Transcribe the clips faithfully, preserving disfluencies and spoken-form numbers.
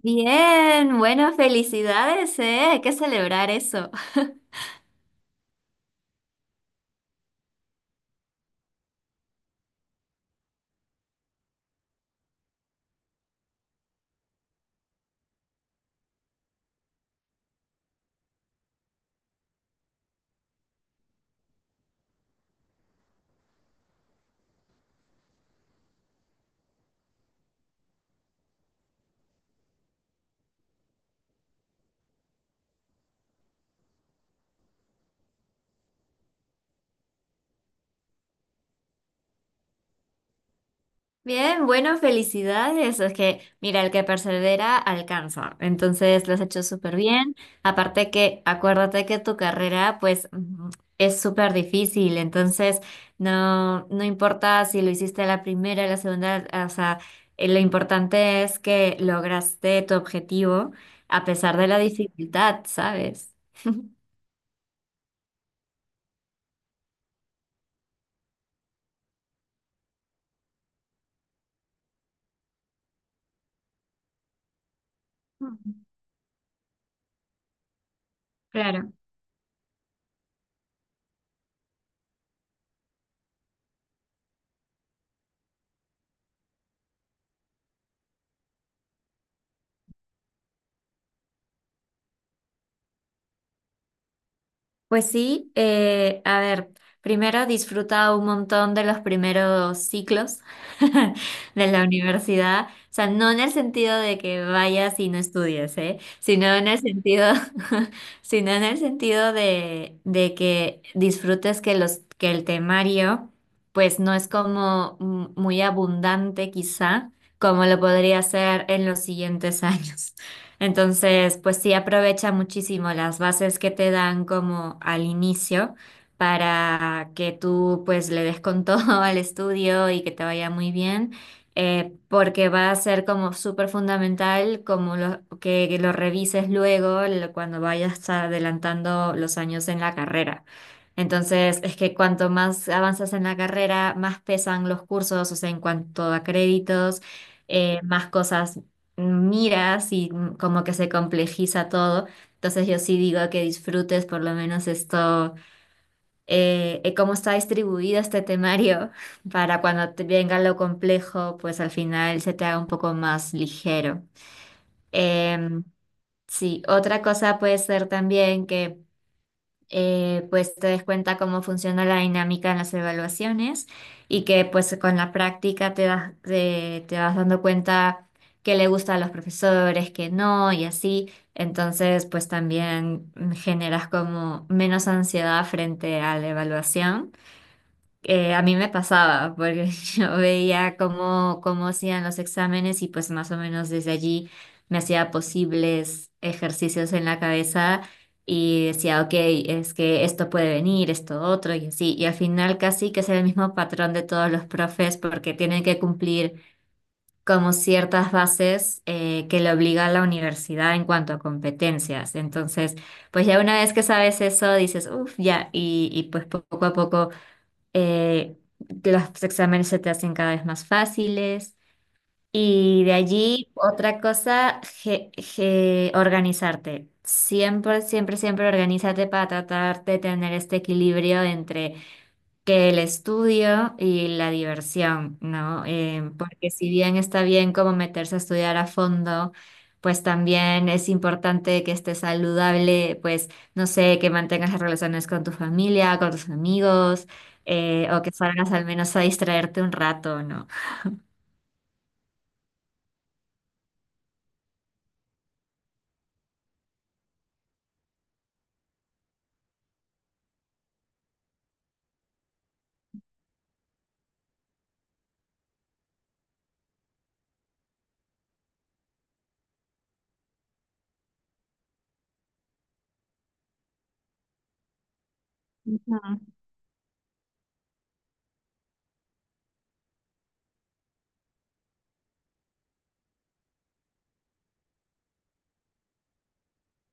Bien, bueno, felicidades, ¿eh? Hay que celebrar eso. Bien, bueno, felicidades. Es que, mira, el que persevera alcanza. Entonces, lo has hecho súper bien. Aparte que, acuérdate que tu carrera, pues, mm, es súper difícil. Entonces, no, no importa si lo hiciste a la primera, a la segunda, o sea, eh, lo importante es que lograste tu objetivo a pesar de la dificultad, ¿sabes? Mm. Claro. Pues sí, eh, a ver, primero he un montón de los primeros ciclos de la universidad, o sea, no en el sentido de que vayas y no estudies, ¿eh? Sino en el sentido, sino en el sentido de, de que disfrutes que los, que el temario, pues no es como mm, muy abundante quizá, como lo podría ser en los siguientes años. Entonces, pues sí, aprovecha muchísimo las bases que te dan como al inicio para que tú pues le des con todo al estudio y que te vaya muy bien, eh, porque va a ser como súper fundamental como lo, que, que lo revises luego lo- cuando vayas adelantando los años en la carrera. Entonces, es que cuanto más avanzas en la carrera, más pesan los cursos, o sea, en cuanto a créditos eh, más cosas miras y mm, como que se complejiza todo. Entonces yo sí digo que disfrutes por lo menos esto, eh, eh, cómo está distribuido este temario para cuando te venga lo complejo, pues al final se te haga un poco más ligero. Em, sí, otra cosa puede ser también que eh, pues te des cuenta cómo funciona la dinámica en las evaluaciones y que pues con la práctica te das, te, te vas dando cuenta qué le gusta a los profesores, qué no y así. Entonces pues también mm, generas como menos ansiedad frente a la evaluación. Eh, a mí me pasaba, porque yo veía cómo, cómo hacían los exámenes y pues más o menos desde allí me hacía posibles ejercicios en la cabeza y decía, ok, es que esto puede venir, esto otro y así. Y al final casi que es el mismo patrón de todos los profes porque tienen que cumplir como ciertas bases eh, que le obliga a la universidad en cuanto a competencias. Entonces, pues ya una vez que sabes eso, dices, uff, ya, y, y pues poco a poco eh, los exámenes se te hacen cada vez más fáciles. Y de allí, otra cosa, ge- ge- organizarte. Siempre, siempre, siempre organízate para tratar de tener este equilibrio entre que el estudio y la diversión, ¿no? Em, porque si bien está bien como meterse a estudiar a fondo, pues también es importante que estés saludable, pues no sé, que mantengas las relaciones con tu familia, con tus amigos, eh, o que salgas al menos a distraerte un rato, ¿no? Ujú,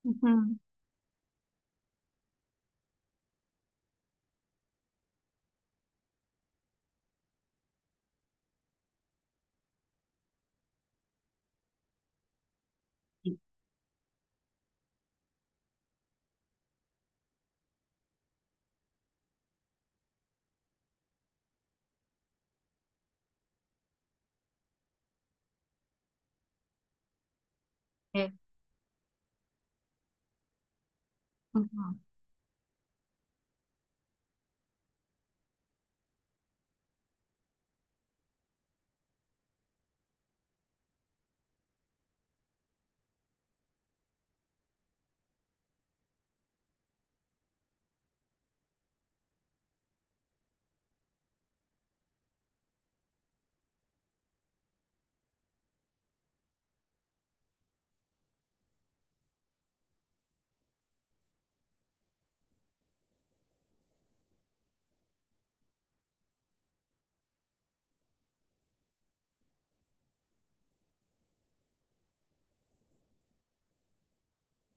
ujú. Sí. Ujú,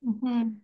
ujú.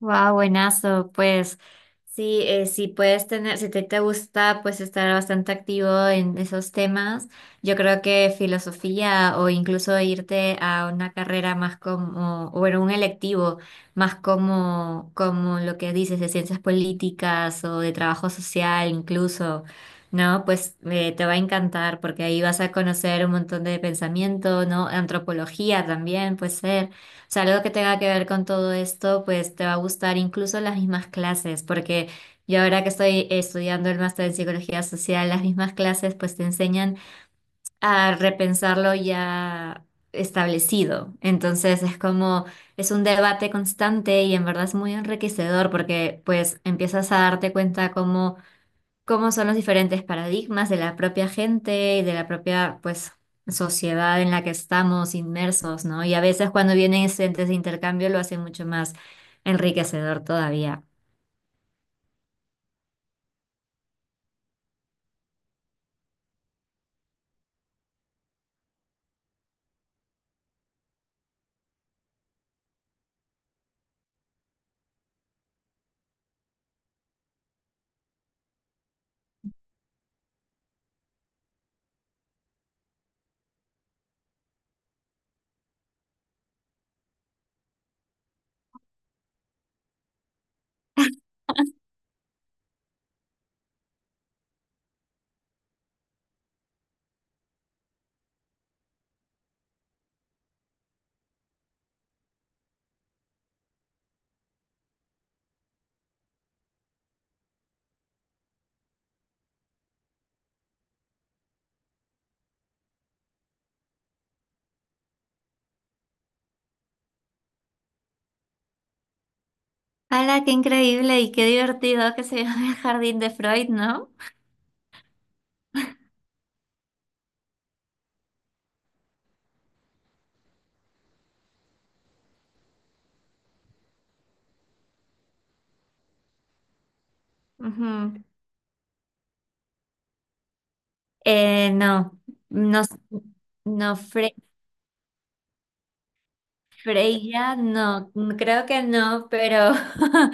Wow, buenazo, pues sí, eh, si puedes tener, si te, te gusta, pues estar bastante activo en esos temas, yo creo que filosofía o incluso irte a una carrera más como, o en un electivo, más como, como lo que dices de ciencias políticas o de trabajo social incluso, ¿no? Pues eh, te va a encantar porque ahí vas a conocer un montón de pensamiento, ¿no? Antropología también puede ser. O sea, algo que tenga que ver con todo esto, pues te va a gustar incluso las mismas clases, porque yo ahora que estoy estudiando el máster en psicología social, las mismas clases pues te enseñan a repensar lo ya establecido. Entonces es como, es un debate constante y en verdad es muy enriquecedor porque pues empiezas a darte cuenta cómo cómo son los diferentes paradigmas de la propia gente y de la propia, pues, sociedad en la que estamos inmersos, ¿no? Y a veces cuando vienen estudiantes de intercambio lo hacen mucho más enriquecedor todavía. ¡Hala! Qué increíble y qué divertido que se llama el Jardín de Freud, ¿no? Ujú. Eh, no, no, no, Fre- Freya, no, creo que no, pero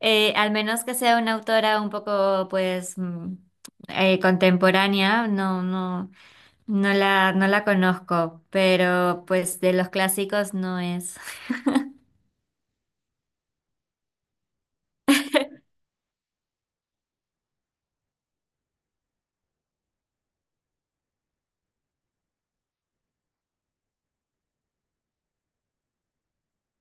Eh, al menos que sea una autora un poco, pues, mm, eh, contemporánea, no, no, no la, no la conozco, pero pues de los clásicos no es.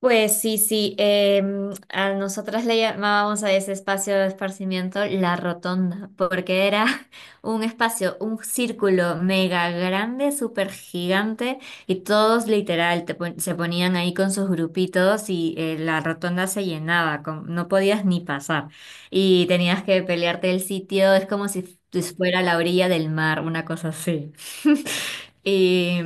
Pues sí, sí, em, a nosotras le llamábamos a ese espacio de esparcimiento la rotonda, porque era un espacio, un círculo mega grande, súper gigante, y todos literal te pon- se ponían ahí con sus grupitos y eh, la rotonda se llenaba, con- no podías ni pasar, y tenías que pelearte el sitio, es como si f- fuera la orilla del mar, una cosa así. Y,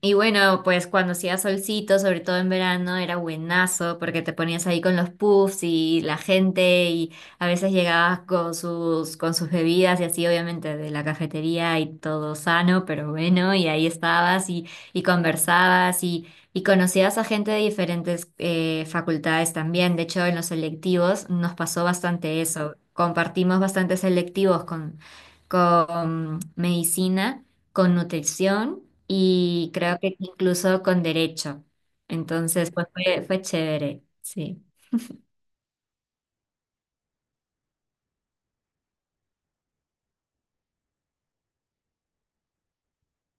y bueno, pues cuando hacía solcito, sobre todo en verano, era buenazo porque te ponías ahí con los puffs y la gente y a veces llegabas con sus, con sus bebidas y así, obviamente, de la cafetería y todo sano, pero bueno, y ahí estabas y, y conversabas y, y conocías a gente de diferentes eh, facultades también. De hecho, en los selectivos nos pasó bastante eso. Compartimos bastantes selectivos con, con medicina con nutrición y creo que incluso con derecho. Entonces, pues fue, fue chévere, sí.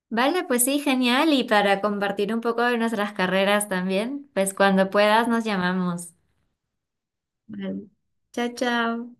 Vale, pues sí, genial. Y para compartir un poco de nuestras carreras también, pues cuando puedas nos llamamos. Vale. Chao, chao.